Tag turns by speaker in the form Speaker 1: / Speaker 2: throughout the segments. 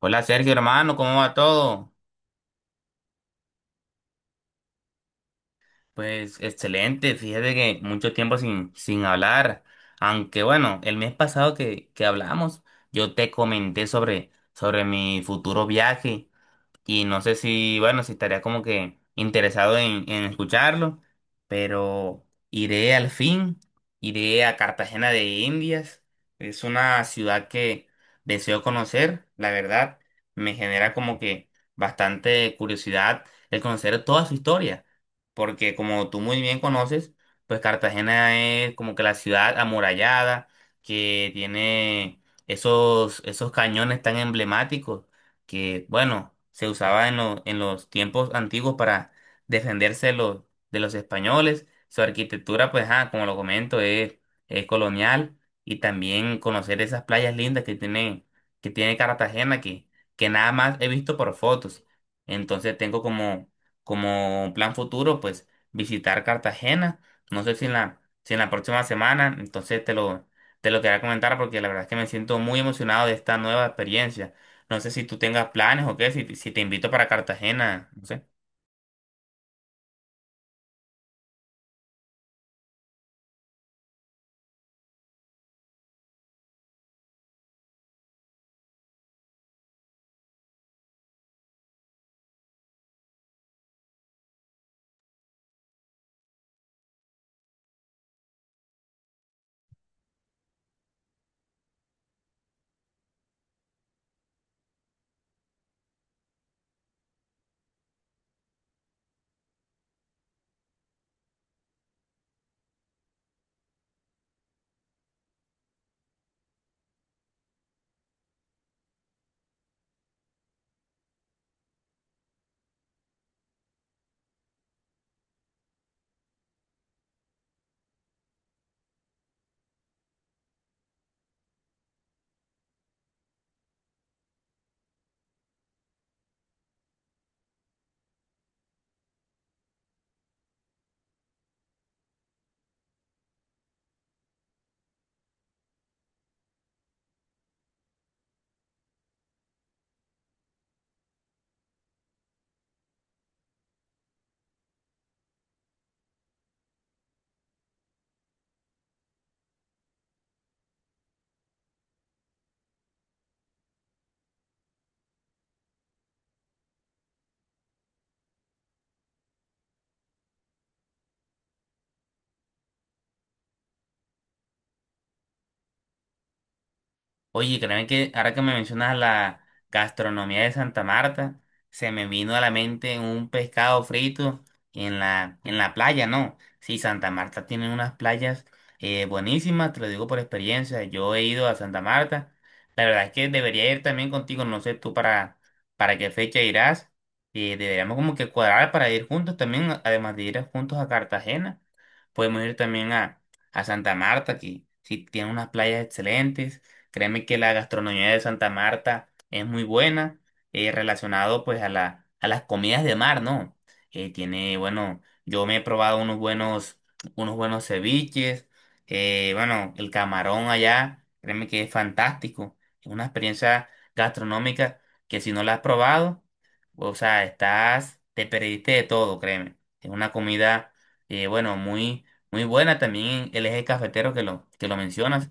Speaker 1: Hola Sergio, hermano, ¿cómo va todo? Pues excelente, fíjate que mucho tiempo sin hablar, aunque bueno, el mes pasado que hablamos, yo te comenté sobre mi futuro viaje y no sé si, bueno, si estaría como que interesado en escucharlo, pero iré al fin, iré a Cartagena de Indias, es una ciudad que deseo conocer, la verdad, me genera como que bastante curiosidad el conocer toda su historia, porque como tú muy bien conoces, pues Cartagena es como que la ciudad amurallada que tiene esos cañones tan emblemáticos que, bueno, se usaba en, en los tiempos antiguos para defenderse de de los españoles. Su arquitectura, pues, como lo comento, es colonial y también conocer esas playas lindas que tiene Cartagena, que nada más he visto por fotos. Entonces tengo como, como plan futuro, pues, visitar Cartagena. No sé si en la, si en la próxima semana, entonces te lo quería comentar porque la verdad es que me siento muy emocionado de esta nueva experiencia. No sé si tú tengas planes o qué, si te invito para Cartagena, no sé. Oye, créeme que ahora que me mencionas la gastronomía de Santa Marta, se me vino a la mente un pescado frito en la playa, ¿no? Sí, Santa Marta tiene unas playas buenísimas, te lo digo por experiencia. Yo he ido a Santa Marta. La verdad es que debería ir también contigo, no sé tú para qué fecha irás. Deberíamos como que cuadrar para ir juntos también, además de ir juntos a Cartagena. Podemos ir también a Santa Marta, que sí tiene unas playas excelentes. Créeme que la gastronomía de Santa Marta es muy buena, relacionado pues a a las comidas de mar, ¿no? Tiene, bueno, yo me he probado unos unos buenos ceviches, bueno, el camarón allá, créeme que es fantástico. Es una experiencia gastronómica que si no la has probado, o sea, estás, te perdiste de todo, créeme. Es una comida, bueno, muy, muy buena también el eje cafetero que lo mencionas.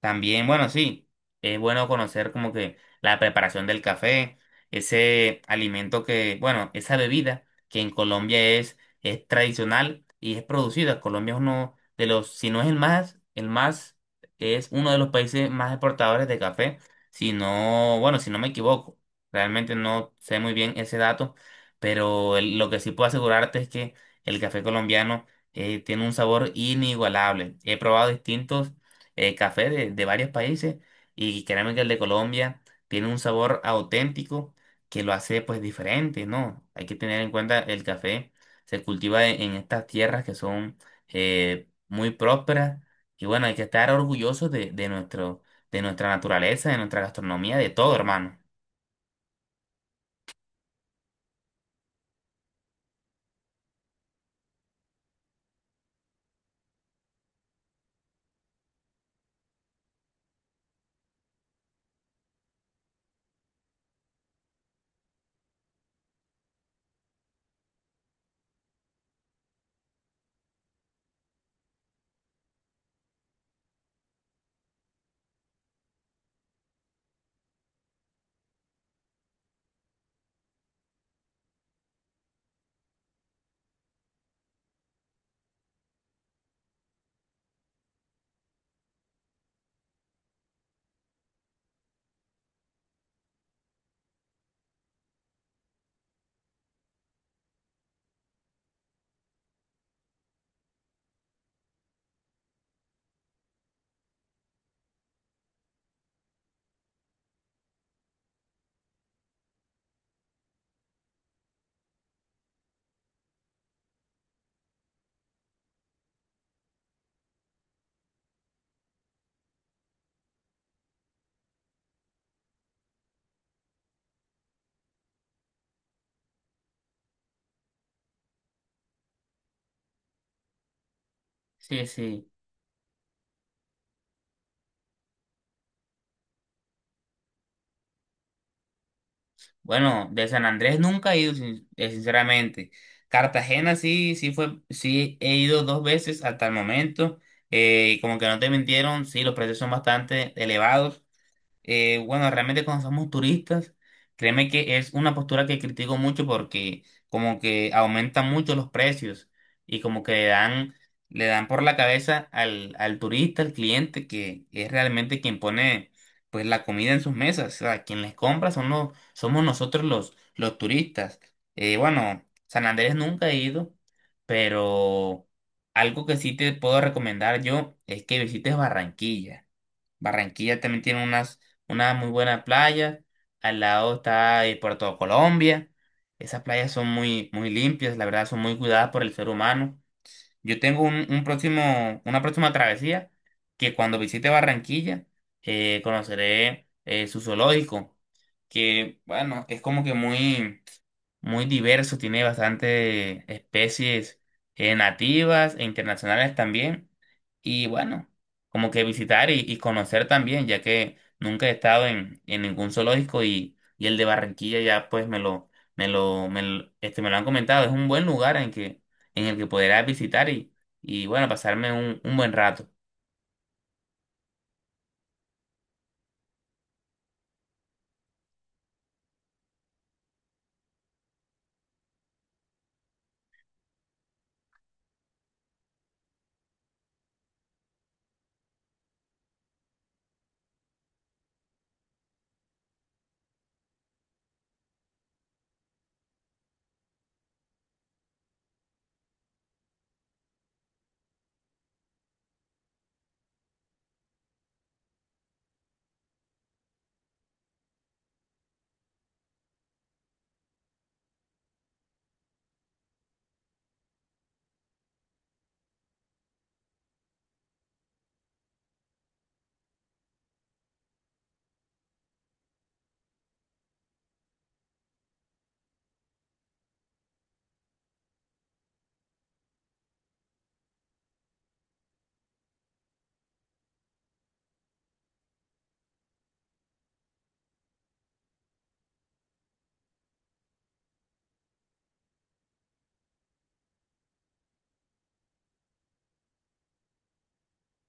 Speaker 1: También, bueno, sí, es bueno conocer como que la preparación del café, ese alimento que, bueno, esa bebida que en Colombia es tradicional y es producida. Colombia es uno de los, si no es el más, es uno de los países más exportadores de café, si no, bueno, si no me equivoco, realmente no sé muy bien ese dato, pero lo que sí puedo asegurarte es que el café colombiano tiene un sabor inigualable. He probado distintos café de varios países y créanme que el de Colombia tiene un sabor auténtico que lo hace pues diferente, ¿no? Hay que tener en cuenta el café se cultiva en estas tierras que son muy prósperas y bueno, hay que estar orgullosos de nuestro, de nuestra naturaleza, de nuestra gastronomía, de todo, hermano. Sí, sí. Bueno, de San Andrés nunca he ido, sinceramente. Cartagena sí, sí fue, sí he ido dos veces hasta el momento. Y como que no te mintieron, sí, los precios son bastante elevados. Bueno, realmente cuando somos turistas, créeme que es una postura que critico mucho porque como que aumentan mucho los precios y como que le dan por la cabeza al, al turista, al cliente, que es realmente quien pone pues la comida en sus mesas. O sea, quien les compra son los, somos nosotros los turistas. Bueno, San Andrés nunca he ido, pero algo que sí te puedo recomendar yo es que visites Barranquilla. Barranquilla también tiene unas, una muy buena playa. Al lado está Puerto Colombia. Esas playas son muy, muy limpias, la verdad, son muy cuidadas por el ser humano. Yo tengo un próximo, una próxima travesía que cuando visite Barranquilla conoceré su zoológico, que bueno, es como que muy, muy diverso, tiene bastante especies nativas e internacionales también. Y bueno, como que visitar y conocer también, ya que nunca he estado en ningún zoológico y el de Barranquilla ya pues me lo han comentado. Es un buen lugar en que, en el que podrás visitar y bueno, pasarme un buen rato.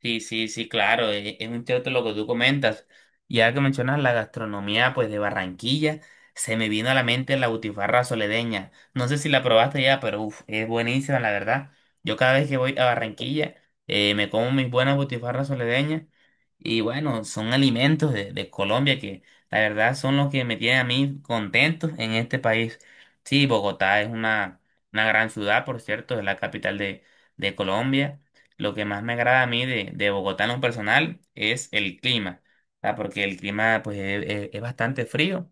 Speaker 1: Sí, sí, sí, claro, es un cierto lo que tú comentas. Ya que mencionas la gastronomía pues de Barranquilla, se me vino a la mente la butifarra soledeña. No sé si la probaste ya, pero uf, es buenísima, la verdad. Yo cada vez que voy a Barranquilla me como mis buenas butifarras soledeñas y bueno, son alimentos de Colombia que la verdad son los que me tienen a mí contentos en este país. Sí, Bogotá es una gran ciudad, por cierto, es la capital de Colombia. Lo que más me agrada a mí de Bogotá en lo personal es el clima, ¿verdad? Porque el clima pues es bastante frío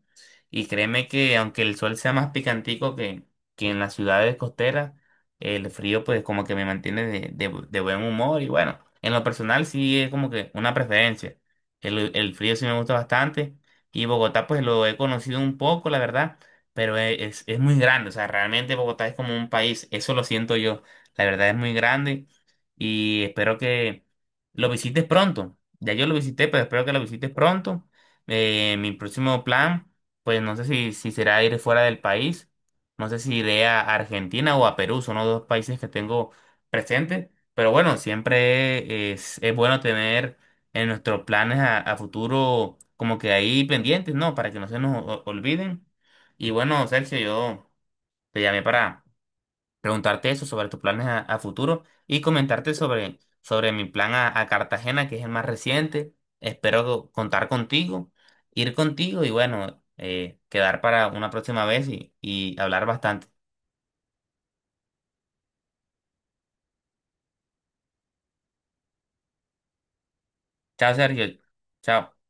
Speaker 1: y créeme que aunque el sol sea más picantico que en las ciudades costeras, el frío pues como que me mantiene de buen humor y bueno, en lo personal sí es como que una preferencia. El frío sí me gusta bastante y Bogotá pues lo he conocido un poco, la verdad, pero es muy grande, o sea, realmente Bogotá es como un país, eso lo siento yo, la verdad es muy grande y espero que lo visites pronto. Ya yo lo visité, pero espero que lo visites pronto. Mi próximo plan, pues no sé si será ir fuera del país, no sé si iré a Argentina o a Perú, son los dos países que tengo presentes, pero bueno, siempre es bueno tener en nuestros planes a futuro como que ahí pendientes, ¿no? Para que no se nos olviden. Y bueno, Sergio, yo te llamé para preguntarte eso sobre tus planes a futuro y comentarte sobre mi plan a Cartagena, que es el más reciente. Espero contar contigo, ir contigo y bueno, quedar para una próxima vez y hablar bastante. Chao, Sergio. Chao.